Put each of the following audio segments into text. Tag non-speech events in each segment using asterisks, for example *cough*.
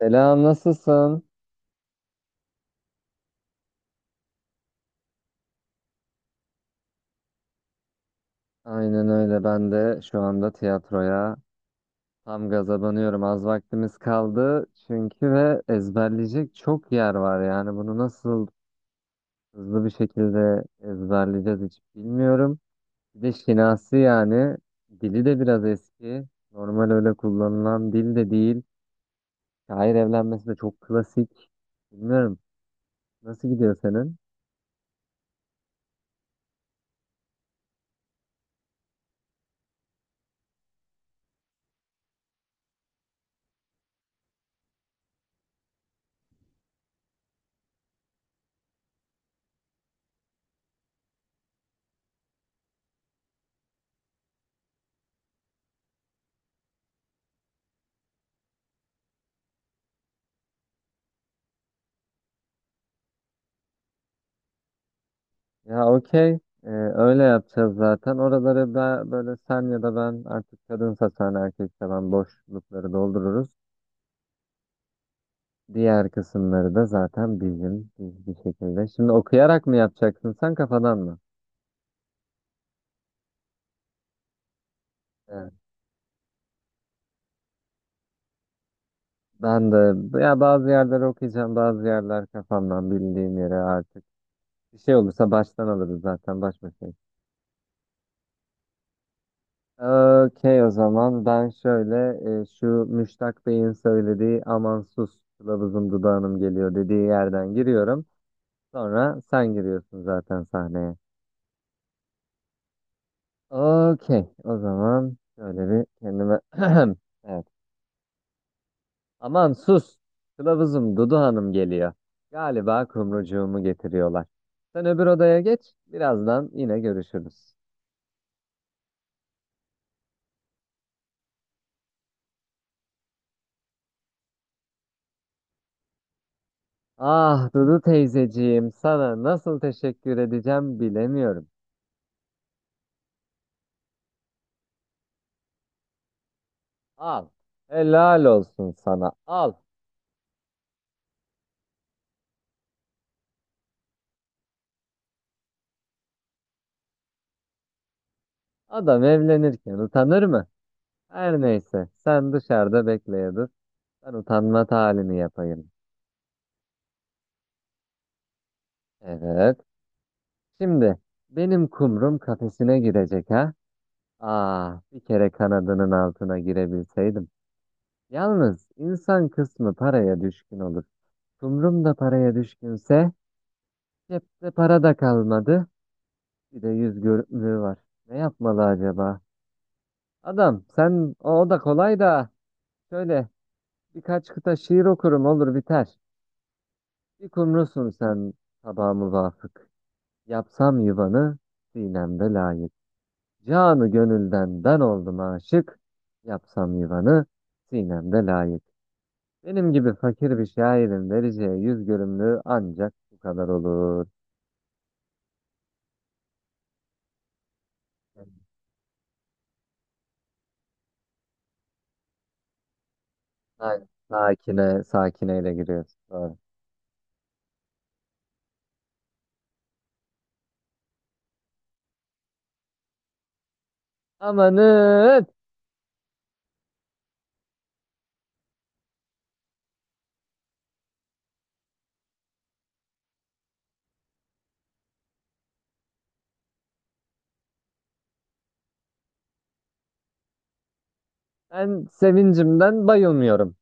Selam, nasılsın? Aynen öyle. Ben de şu anda tiyatroya tam gaza banıyorum. Az vaktimiz kaldı çünkü ve ezberleyecek çok yer var. Yani bunu nasıl hızlı bir şekilde ezberleyeceğiz hiç bilmiyorum. Bir de şinasi yani dili de biraz eski. Normal öyle kullanılan dil de değil. Şair evlenmesi de çok klasik. Bilmiyorum. Nasıl gidiyor senin? Ya okey. Öyle yapacağız zaten. Oraları da böyle sen ya da ben artık kadınsa sen erkekse ben boşlukları doldururuz. Diğer kısımları da zaten biz bir şekilde. Şimdi okuyarak mı yapacaksın sen kafadan mı? Evet. Ben de ya bazı yerleri okuyacağım bazı yerler kafamdan bildiğim yere artık. Bir şey olursa baştan alırız zaten baş başayız. Okey o zaman ben şöyle şu Müştak Bey'in söylediği aman sus kılavuzum dudağınım geliyor dediği yerden giriyorum. Sonra sen giriyorsun zaten sahneye. Okey. O zaman şöyle bir kendime... *clears throat* Evet. Aman sus. Kılavuzum Dudu Hanım geliyor. Galiba kumrucuğumu getiriyorlar. Sen öbür odaya geç. Birazdan yine görüşürüz. Ah Dudu teyzeciğim sana nasıl teşekkür edeceğim bilemiyorum. Al. Helal olsun sana. Al. Adam evlenirken utanır mı? Her neyse sen dışarıda bekleye dur. Ben utanma halini yapayım. Evet. Şimdi benim kumrum kafesine girecek ha. Ah, bir kere kanadının altına girebilseydim. Yalnız insan kısmı paraya düşkün olur. Kumrum da paraya düşkünse cepte para da kalmadı. Bir de yüz görümlüğü var. Ne yapmalı acaba? Adam sen o da kolay da şöyle birkaç kıta şiir okurum olur biter. Bir kumrusun sen sabah muvafık. Yapsam yuvanı sinemde layık. Canı gönülden ben oldum aşık. Yapsam yuvanı sinemde layık. Benim gibi fakir bir şairin vereceği yüz görümlüğü ancak bu kadar olur. Aynen. Sakine, sakineyle giriyoruz. Doğru. Amanın! Ben sevincimden bayılmıyorum.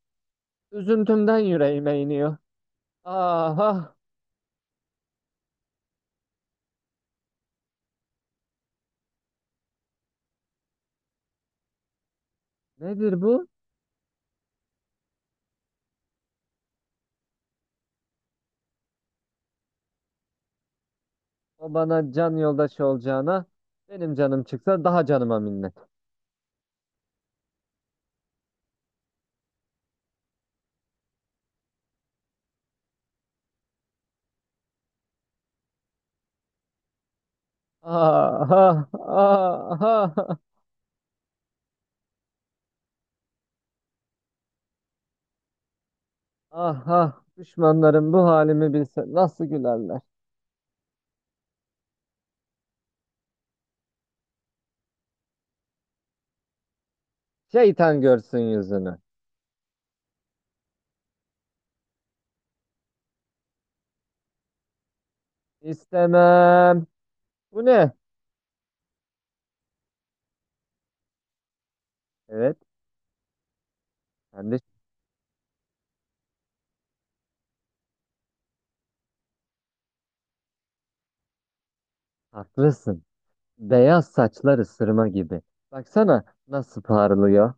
Üzüntümden yüreğime iniyor. Aha! Nedir bu? O bana can yoldaşı olacağına benim canım çıksa daha canıma minnet. Aha! Aha! Ah ah düşmanlarım bu halimi bilse nasıl gülerler. Şeytan görsün yüzünü. İstemem. Bu ne? Evet sen de haklısın. Beyaz saçlar ısırma gibi. Baksana nasıl parlıyor.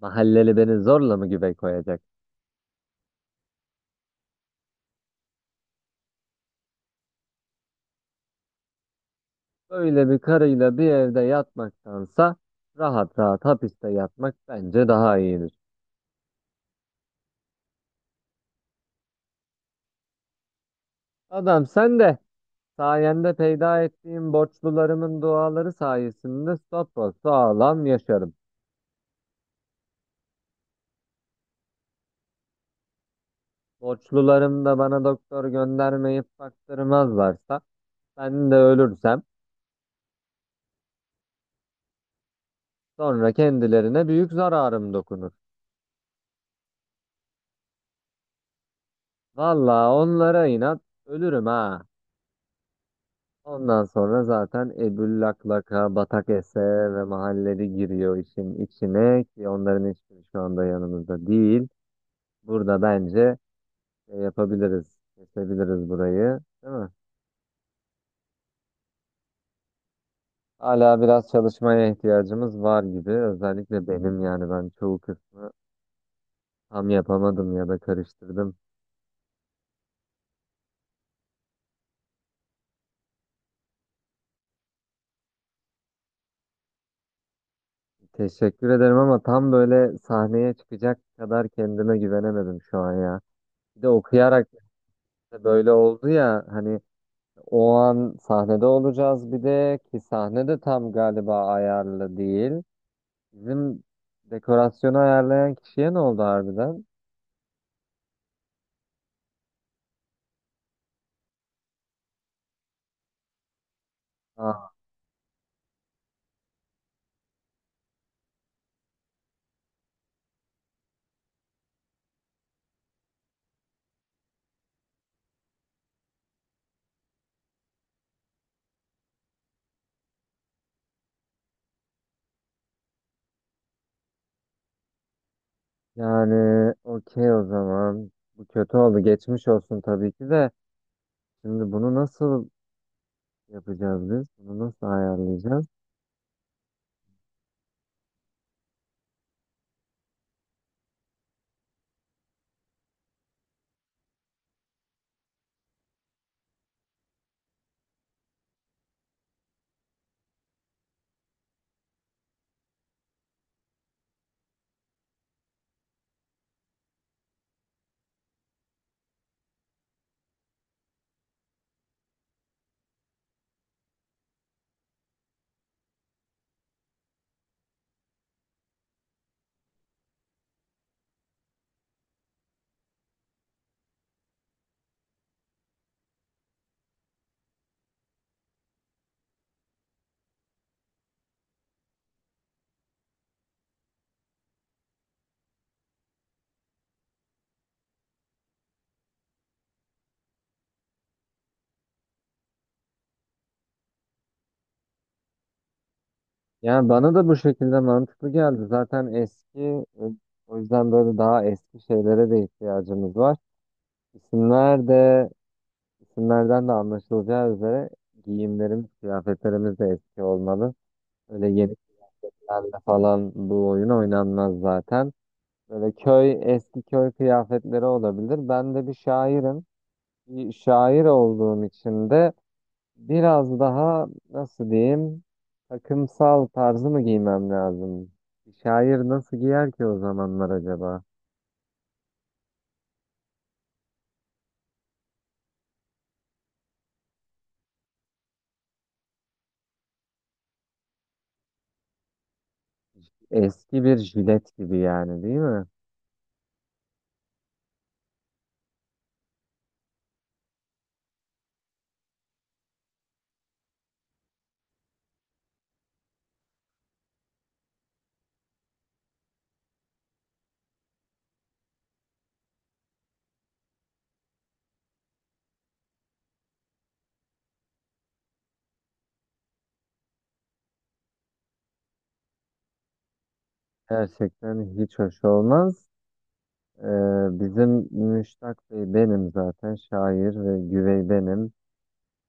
Mahalleli beni zorla mı güve koyacak? Böyle bir karıyla bir evde yatmaktansa rahat rahat hapiste yatmak bence daha iyidir. Adam sen de sayende peyda ettiğim borçlularımın duaları sayesinde sapasağlam yaşarım. Borçlularım da bana doktor göndermeyip baktırmazlarsa ben de ölürsem sonra kendilerine büyük zararım dokunur. Valla onlara inat ölürüm ha. Ondan sonra zaten Ebüllak Laka, Batak Ese ve mahalleli giriyor işin içine ki onların hiçbiri şu anda yanımızda değil. Burada bence şey yapabiliriz, kesebiliriz burayı, değil mi? Hala biraz çalışmaya ihtiyacımız var gibi. Özellikle benim yani ben çoğu kısmı tam yapamadım ya da karıştırdım. Teşekkür ederim ama tam böyle sahneye çıkacak kadar kendime güvenemedim şu an ya. Bir de okuyarak da böyle oldu ya hani o an sahnede olacağız bir de ki sahne de tam galiba ayarlı değil. Bizim dekorasyonu ayarlayan kişiye ne oldu harbiden? Aa, yani okey o zaman. Bu kötü oldu. Geçmiş olsun tabii ki de. Şimdi bunu nasıl yapacağız biz? Bunu nasıl ayarlayacağız? Yani bana da bu şekilde mantıklı geldi. Zaten eski, o yüzden böyle daha eski şeylere de ihtiyacımız var. İsimler de, isimlerden de anlaşılacağı üzere giyimlerimiz, kıyafetlerimiz de eski olmalı. Öyle yenilerle falan bu oyun oynanmaz zaten. Böyle köy, eski köy kıyafetleri olabilir. Ben de bir şairim. Bir şair olduğum için de biraz daha nasıl diyeyim takımsal tarzı mı giymem lazım? Şair nasıl giyer ki o zamanlar acaba? Eski bir jilet gibi yani değil mi? Gerçekten hiç hoş olmaz. Ee, Bizim Müştak Bey benim zaten şair ve güvey benim.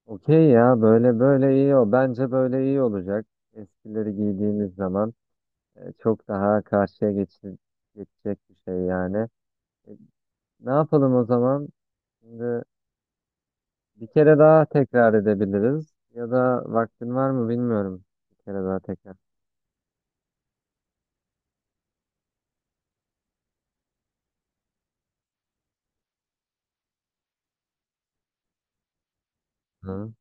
Okey ya böyle böyle iyi o. Bence böyle iyi olacak. Eskileri giydiğimiz zaman çok daha karşıya geçecek bir şey yani. E, Ne yapalım o zaman? Şimdi bir kere daha tekrar edebiliriz. Ya da vaktin var mı bilmiyorum. Bir kere daha tekrar. Hı.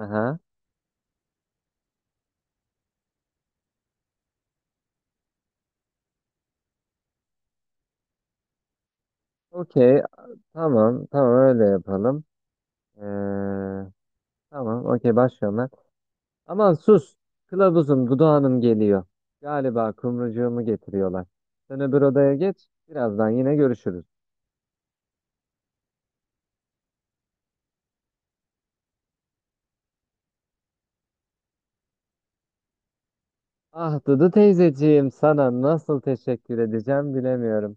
Aha. Okey. Tamam. Tamam öyle yapalım. Ee, tamam. Okey başlıyorum ben. Aman sus. Kılavuzum Dudağanım geliyor. Galiba kumrucuğumu getiriyorlar. Sen öbür odaya geç. Birazdan yine görüşürüz. Ah Dudu teyzeciğim sana nasıl teşekkür edeceğim bilemiyorum.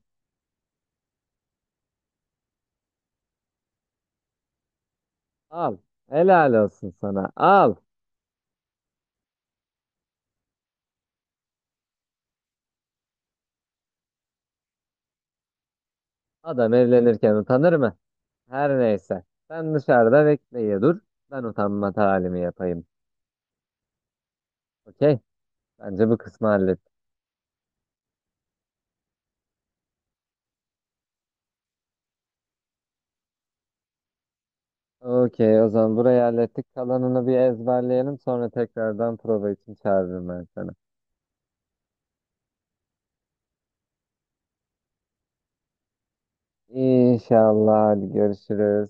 Al. Helal olsun sana. Al. Adam evlenirken utanır mı? Her neyse. Sen dışarıda bekleye dur. Ben utanma talimi yapayım. Okey. Bence bu kısmı hallettik. Okey, o zaman burayı hallettik. Kalanını bir ezberleyelim. Sonra tekrardan prova için çağırırım ben seni. İnşallah. Hadi görüşürüz.